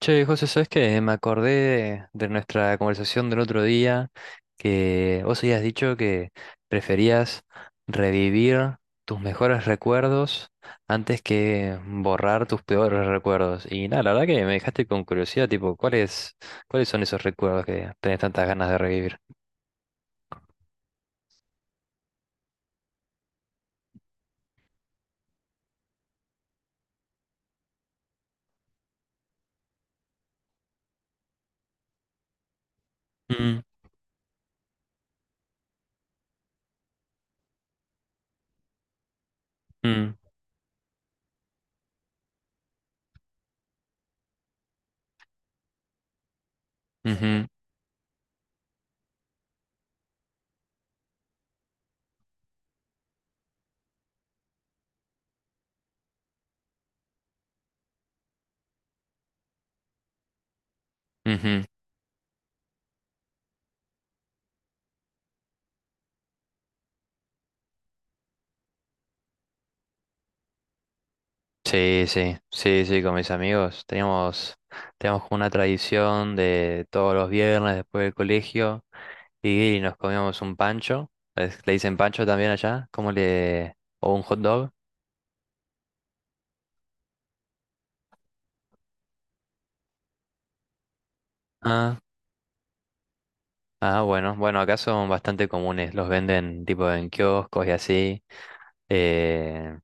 Che, José, ¿sabes qué? Me acordé de nuestra conversación del otro día que vos habías dicho que preferías revivir tus mejores recuerdos antes que borrar tus peores recuerdos. Y nada, la verdad que me dejaste con curiosidad, tipo, ¿cuáles son esos recuerdos que tenés tantas ganas de revivir? Mm, mm, ujú, ujú. Sí, sí, sí, sí, con mis amigos. Teníamos como una tradición de todos los viernes después del colegio. Y nos comíamos un pancho. ¿Le dicen pancho también allá? ¿Cómo le...? ¿O un hot dog? Ah, ah, bueno. Bueno, acá son bastante comunes. Los venden tipo en kioscos y así. Eh,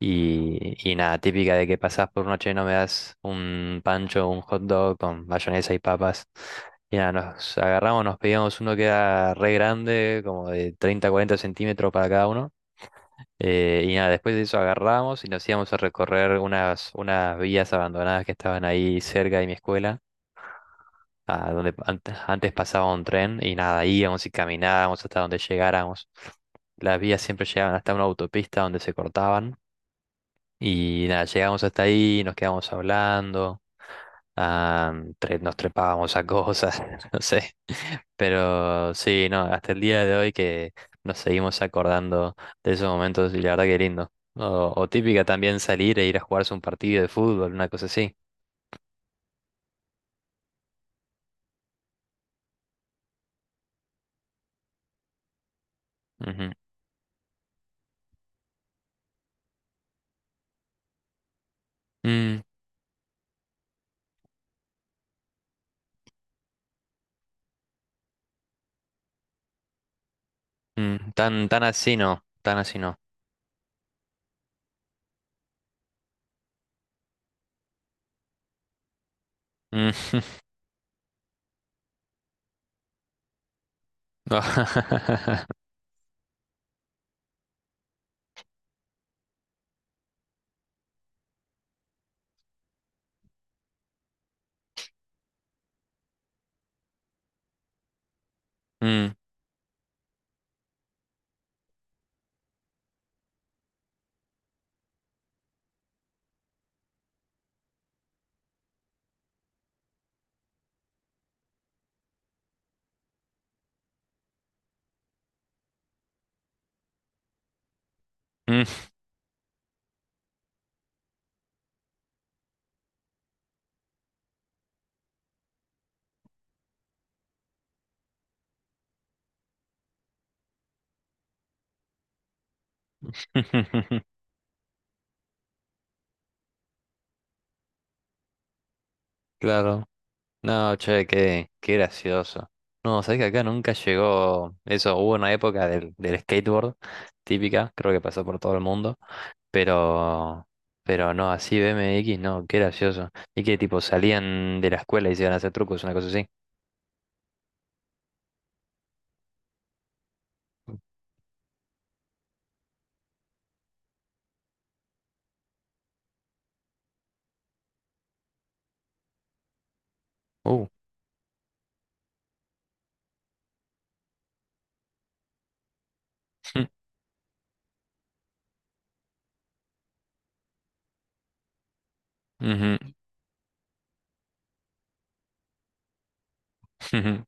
y nada, típica de que pasás por una, che, no me das un pancho, un hot dog con mayonesa y papas. Y nada, nos agarramos, nos pedíamos uno que era re grande, como de 30 40 centímetros para cada uno. Y nada, después de eso agarramos y nos íbamos a recorrer unas vías abandonadas que estaban ahí cerca de mi escuela, a donde antes pasaba un tren y nada, íbamos y caminábamos hasta donde llegáramos. Las vías siempre llegaban hasta una autopista donde se cortaban y nada, llegamos hasta ahí, nos quedamos hablando, ah, nos trepábamos a cosas, no sé. Pero sí, no, hasta el día de hoy que nos seguimos acordando de esos momentos y la verdad que lindo. O típica también salir e ir a jugarse un partido de fútbol, una cosa así. Ujú. Mm, mm, tan así no, tan así no. Mm. Mm, mm. Claro. No, che, qué gracioso. No, sabés que acá nunca llegó eso. Hubo una época del skateboard, típica, creo que pasó por todo el mundo, pero, pero no, así BMX, no, qué gracioso. Y que tipo salían de la escuela y se iban a hacer trucos, una cosa así. Uh. ujú, ujú.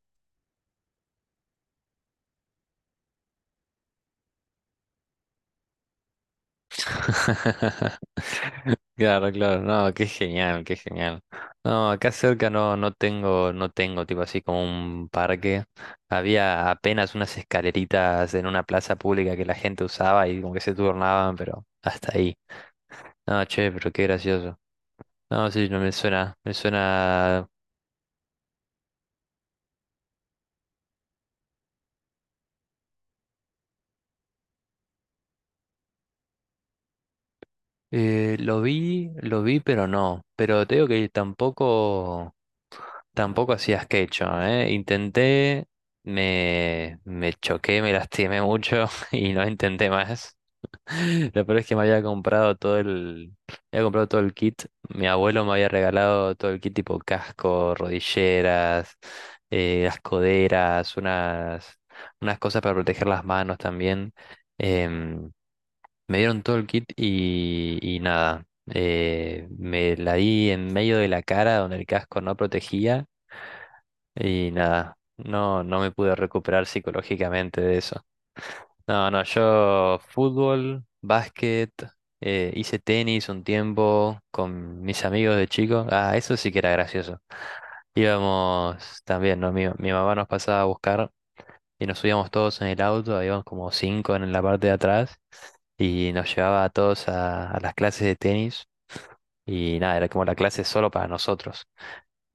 Claro, claro, no, qué genial, qué genial. No, acá cerca no, no tengo tipo así como un parque. Había apenas unas escaleritas en una plaza pública que la gente usaba y como que se turnaban, pero hasta ahí. No, che, pero qué gracioso. No, sí, no me suena, me suena. Lo vi, pero no. Pero te digo que tampoco. Tampoco hacía skate, ¿eh? Intenté, me choqué, me lastimé mucho y no intenté más. Lo peor es que me había comprado todo el kit. Mi abuelo me había regalado todo el kit, tipo casco, rodilleras, las coderas, unas cosas para proteger las manos también. Em, me dieron todo el kit y nada. Me la di en medio de la cara donde el casco no protegía y nada, no, no me pude recuperar psicológicamente de eso. No, no, yo fútbol, básquet, hice tenis un tiempo con mis amigos de chico. Ah, eso sí que era gracioso. Íbamos también, ¿no? Mi mamá nos pasaba a buscar y nos subíamos todos en el auto, íbamos como cinco en la parte de atrás y nos llevaba a todos a, las clases de tenis y nada, era como la clase solo para nosotros.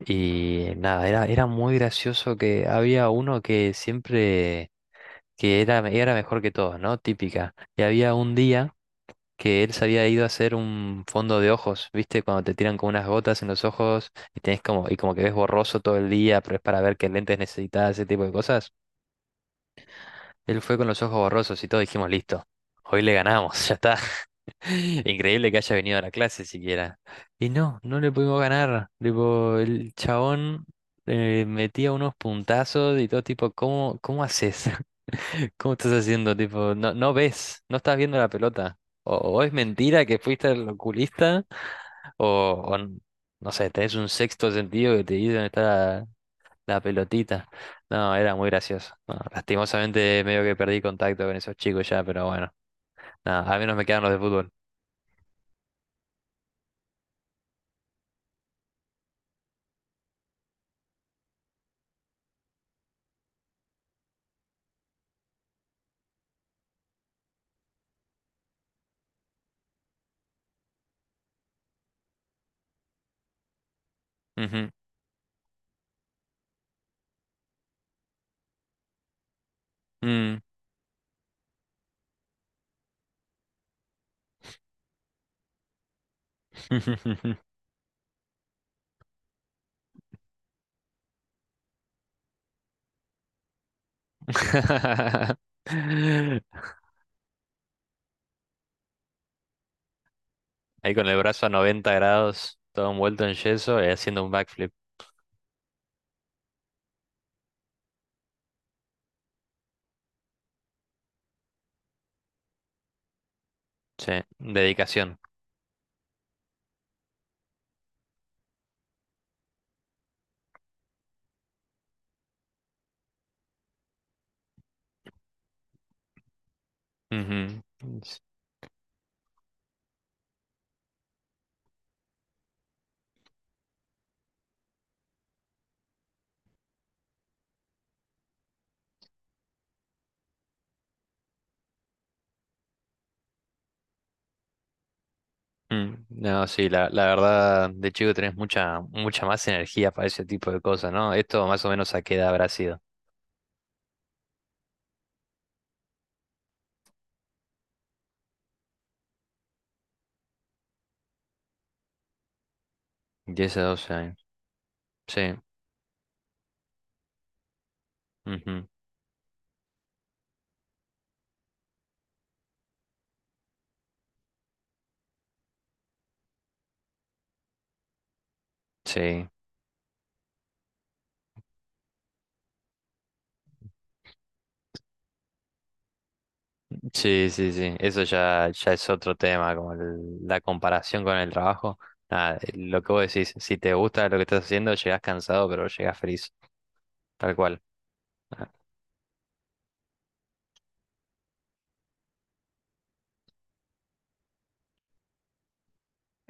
Y nada, era, era muy gracioso que había uno que siempre, que era mejor que todos, ¿no? Típica. Y había un día que él se había ido a hacer un fondo de ojos, ¿viste? Cuando te tiran con unas gotas en los ojos y tenés como, y como que ves borroso todo el día, pero es para ver qué lentes necesitas, ese tipo de cosas. Él fue con los ojos borrosos y todos dijimos, listo, hoy le ganamos, ya está. Increíble que haya venido a la clase siquiera. Y no, no le pudimos ganar. Tipo, el chabón metía unos puntazos y todo, tipo, ¿cómo haces? ¿Cómo estás haciendo? Tipo, no, no ves, no estás viendo la pelota. O es mentira que fuiste al oculista, o, o n- no sé, tenés un sexto sentido que te dice dónde está la pelotita. No, era muy gracioso. No, lastimosamente medio que perdí contacto con esos chicos ya, pero bueno. Nada, al menos me quedaron los de fútbol. Ujú. Mm. Ahí con el brazo a 90 grados, todo envuelto en yeso y haciendo un backflip. Sí, dedicación. Ujú. S- mm. No, sí, la verdad, de chico tenés mucha, mucha más energía para ese tipo de cosas, ¿no? Esto más o menos, ¿a qué edad habrá sido? 10 a doce años. Sí, ujú, sí. Sí, sí, sí, eso ya, ya es otro tema, como la comparación con el trabajo. Nada, lo que vos decís, si te gusta lo que estás haciendo, llegás cansado, pero llegás feliz, tal cual.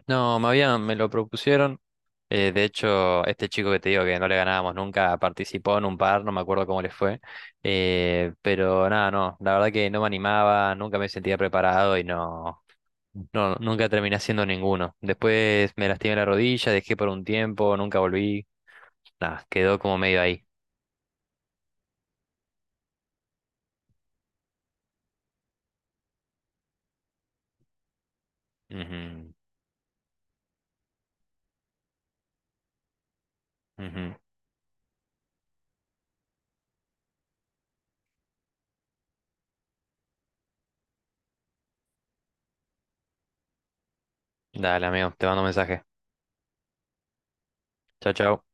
No, me lo propusieron. De hecho, este chico que te digo que no le ganábamos nunca participó en un par, no me acuerdo cómo le fue. Pero nada, no, la verdad que no me animaba, nunca me sentía preparado y no, no, nunca terminé haciendo ninguno. Después me lastimé la rodilla, dejé por un tiempo, nunca volví. Nada, quedó como medio ahí. Ujú, ujú. Dale, amigo, te mando un mensaje. Chao, chao.